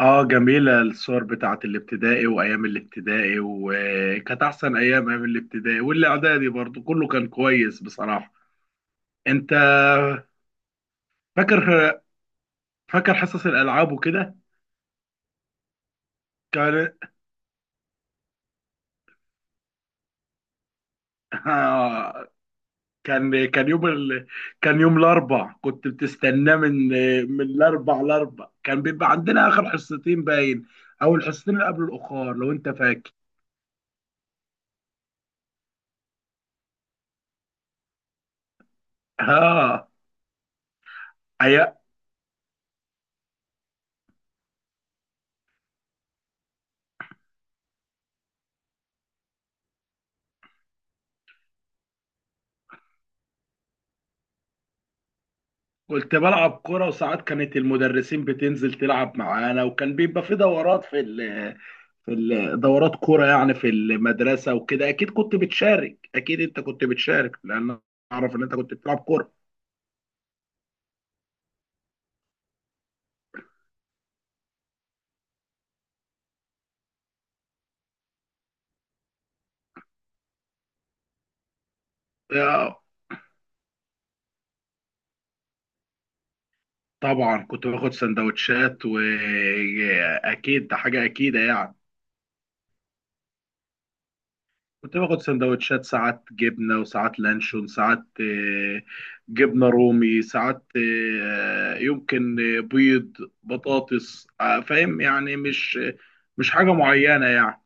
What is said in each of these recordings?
اه، جميلة الصور بتاعت الابتدائي وايام الابتدائي، وكانت احسن ايام الابتدائي والاعدادي برضو. كله كان كويس بصراحة. انت فاكر فاكر حصص الالعاب وكده؟ كان آه. كان كان يوم ال... كان يوم الاربع كنت بتستناه، من الاربع لاربع كان بيبقى عندنا اخر حصتين باين، او الحصتين اللي قبل الاخر لو انت فاكر. اه، كنت بلعب كرة، وساعات كانت المدرسين بتنزل تلعب معانا، وكان بيبقى في دورات، دورات كرة يعني في المدرسة وكده. أكيد كنت بتشارك، أكيد أنت كنت بتشارك، لأن أعرف إن أنت كنت بتلعب كرة. آه، طبعا كنت باخد سندوتشات، وأكيد ده حاجة أكيدة يعني. كنت باخد سندوتشات، ساعات جبنة وساعات لانشون، ساعات جبنة رومي، ساعات يمكن بيض بطاطس، فاهم يعني، مش حاجة معينة يعني.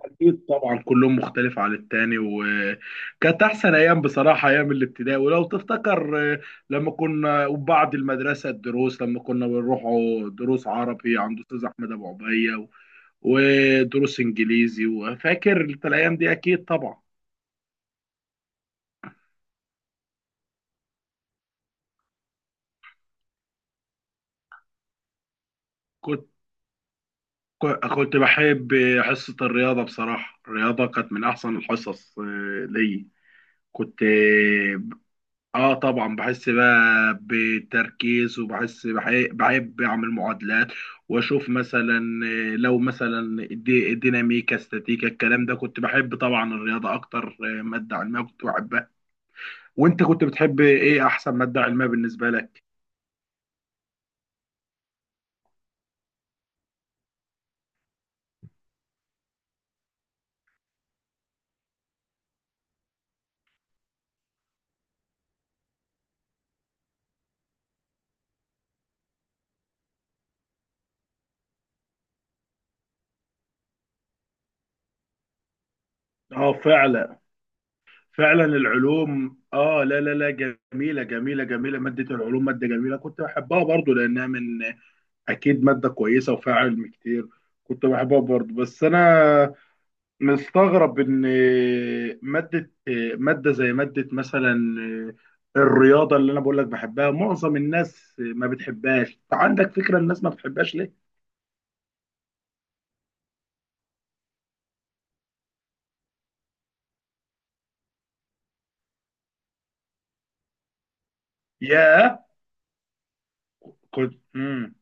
أكيد طبعا كلهم مختلف عن التاني، وكانت أحسن أيام بصراحة أيام الابتدائي. ولو تفتكر، لما كنا وبعد المدرسة الدروس، لما كنا بنروحوا دروس عربي عند أستاذ أحمد أبو عبية ودروس إنجليزي، وفاكر أنت الأيام دي أكيد طبعا. كنت كنت بحب حصة الرياضة بصراحة. الرياضة كانت من أحسن الحصص ليا كنت طبعا بحس بقى بتركيز، وبحس بحب أعمل معادلات وأشوف مثلا، لو مثلا الديناميكا استاتيكا الكلام ده كنت بحب. طبعا الرياضة أكتر، مادة علمية كنت بحبها. وأنت كنت بتحب إيه؟ أحسن مادة علمية بالنسبة لك؟ آه فعلا، فعلا العلوم. اه، لا لا لا، جميله جميله جميله. ماده العلوم ماده جميله، كنت بحبها برضو لانها من، اكيد ماده كويسه وفيها علم كتير، كنت بحبها برضو. بس انا مستغرب ان ماده ماده زي ماده مثلا الرياضه اللي انا بقول لك بحبها، معظم الناس ما بتحبهاش. عندك فكره الناس ما بتحبهاش ليه؟ ياه. كنت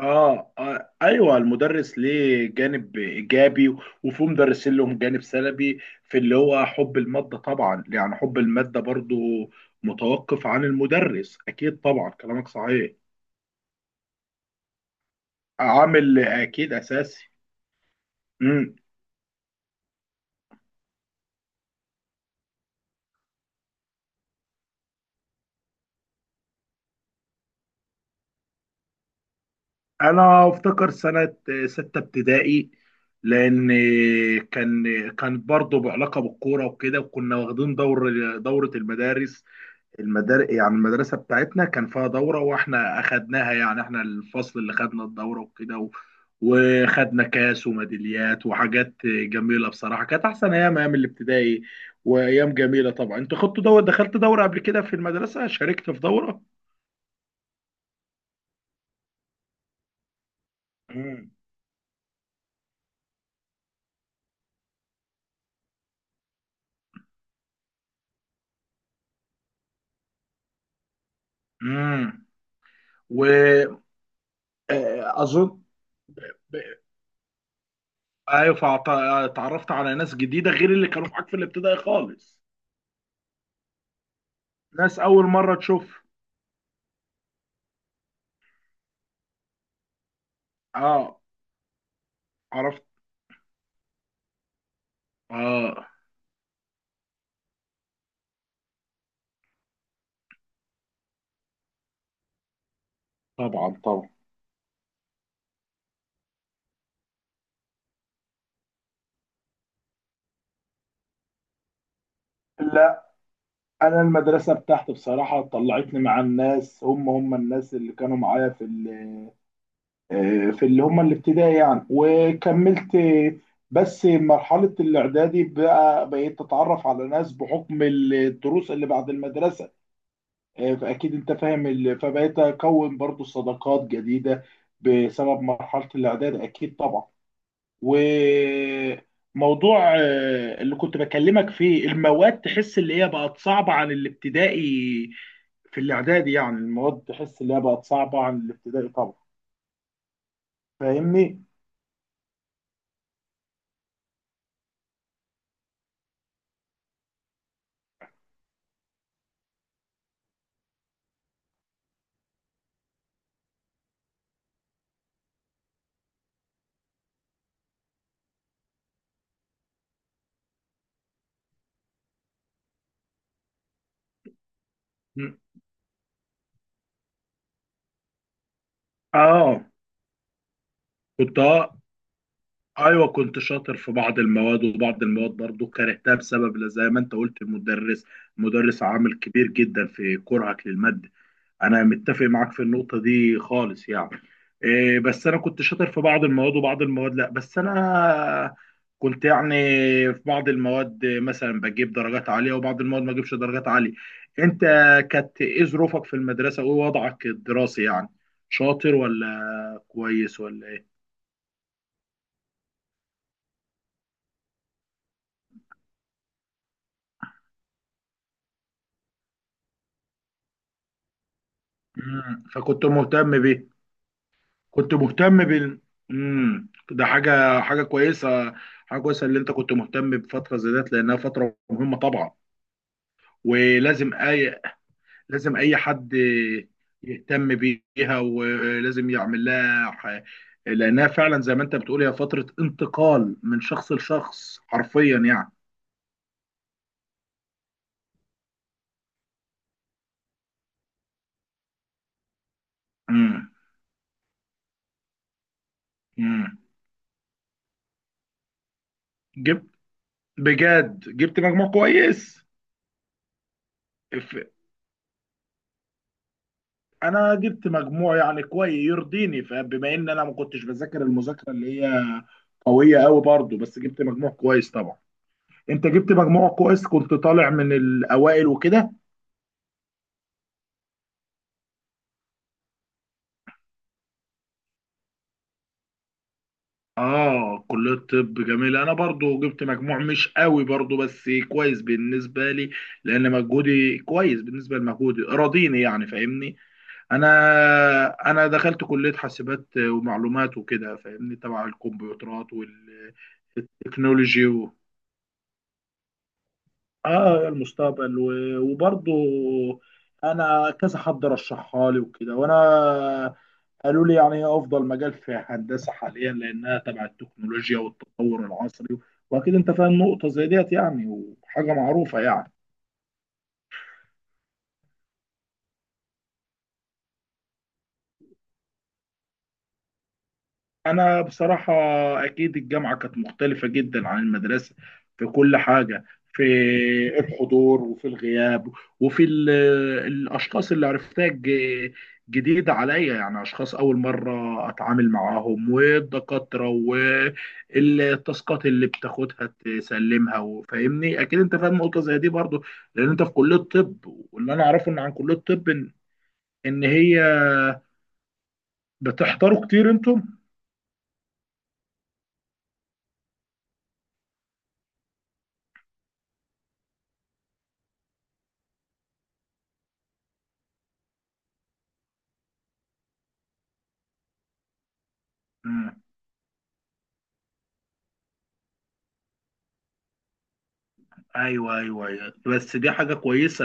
آه, اه، ايوه المدرس ليه جانب ايجابي، وفي مدرسين لهم جانب سلبي في اللي هو حب الماده. طبعا يعني حب الماده برضو متوقف عن المدرس، اكيد طبعا كلامك صحيح. عامل اكيد اساسي. امم. انا افتكر سنه سته ابتدائي، لان كان كان برضو بعلاقه بالكوره وكده، وكنا واخدين دور، دوره المدارس، المدار يعني المدرسة بتاعتنا كان فيها دورة واحنا اخدناها. يعني احنا الفصل اللي خدنا الدورة وكده، و... وخدنا كاس وميداليات وحاجات جميلة بصراحة. كانت احسن ايام ايام الابتدائي وايام جميلة طبعا. انت خدت دورة؟ دخلت دورة قبل كده في المدرسة؟ شاركت في دورة؟ امم، امم، واظن. ايوه. اتعرفت على ناس جديدة غير اللي كانوا معاك في الابتدائي خالص. ناس اول مرة تشوف. اه، عرفت. اه، طبعا طبعا. لا، انا المدرسه بتاعتي بصراحه طلعتني مع الناس، هم هم الناس اللي كانوا معايا في في اللي هم الابتدائي يعني وكملت. بس مرحله الاعدادي بقى بقيت اتعرف على ناس بحكم الدروس اللي بعد المدرسه، فاكيد انت فاهم فبقيت اكون برضو صداقات جديده بسبب مرحله الاعدادي، اكيد طبعا. وموضوع اللي كنت بكلمك فيه، المواد تحس اللي هي بقت صعبة عن الابتدائي في الاعدادي، يعني المواد تحس اللي هي بقت صعبة عن الابتدائي طبعا. فاهمني؟ م. اه كنت ايوه كنت شاطر في بعض المواد، وبعض المواد برضو كرهتها بسبب زي ما انت قلت المدرس. مدرس عامل كبير جدا في كرهك للمادة، انا متفق معاك في النقطه دي خالص يعني. إيه، بس انا كنت شاطر في بعض المواد وبعض المواد لا. بس انا كنت يعني في بعض المواد مثلا بجيب درجات عاليه، وبعض المواد ما اجيبش درجات عاليه. انت كانت ايه ظروفك في المدرسه وايه وضعك الدراسي يعني؟ شاطر ولا كويس ولا ايه؟ فكنت مهتم بيه. كنت مهتم بال... ده حاجه كويسه حاجه كويسه اللي انت كنت مهتم بفتره زي ديت، لانها فتره مهمه طبعا. ولازم اي، لازم اي حد يهتم بيها، ولازم يعمل لها لانها فعلا زي ما انت بتقول هي فتره انتقال من شخص لشخص حرفيا يعني. امم، امم. جبت، بجد جبت مجموع كويس. ف- انا جبت مجموع يعني كويس يرضيني، فبما ان انا ما كنتش بذاكر المذاكره اللي هي قويه قوي برضو، بس جبت مجموع كويس طبعا. انت جبت مجموع كويس كنت طالع من الاوائل وكده. اه، كلية الطب جميلة. انا برضو جبت مجموع مش قوي برضو بس كويس بالنسبة لي، لان مجهودي كويس بالنسبة لمجهودي راضيني يعني، فاهمني؟ انا انا دخلت كلية حاسبات ومعلومات وكده، فاهمني؟ تبع الكمبيوترات والتكنولوجي و... اه المستقبل و... وبرضو انا كذا حد رشحها لي وكده، وانا قالوا لي يعني هي افضل مجال في هندسه حاليا، لانها تبع التكنولوجيا والتطور العصري. واكيد انت فاهم نقطه زي ديت يعني، وحاجه معروفه يعني. أنا بصراحة أكيد الجامعة كانت مختلفة جدا عن المدرسة في كل حاجة، في الحضور وفي الغياب، وفي الأشخاص اللي عرفتها، جديدة عليا يعني أشخاص أول مرة أتعامل معاهم، والدكاترة والتاسكات اللي بتاخدها تسلمها، وفاهمني أكيد أنت فاهم نقطة زي دي برضو، لأن أنت في كلية طب. واللي أنا أعرفه إن عن كلية طب، إن هي بتحضروا كتير أنتم؟ ايوه، ايوه، ايوه، بس دي حاجه كويسه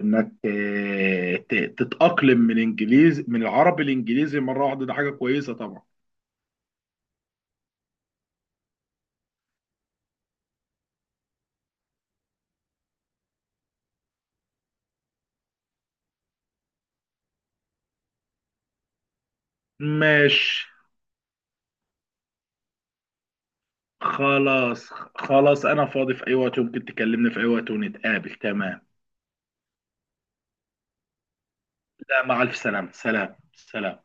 انك تتاقلم من انجليزي، من العربي الانجليزي مره واحده، ده حاجه كويسه طبعا. ماشي. خلاص خلاص، انا فاضي في اي وقت، ممكن تكلمني في اي وقت ونتقابل، تمام. لا، مع الف سلامه. سلام سلام.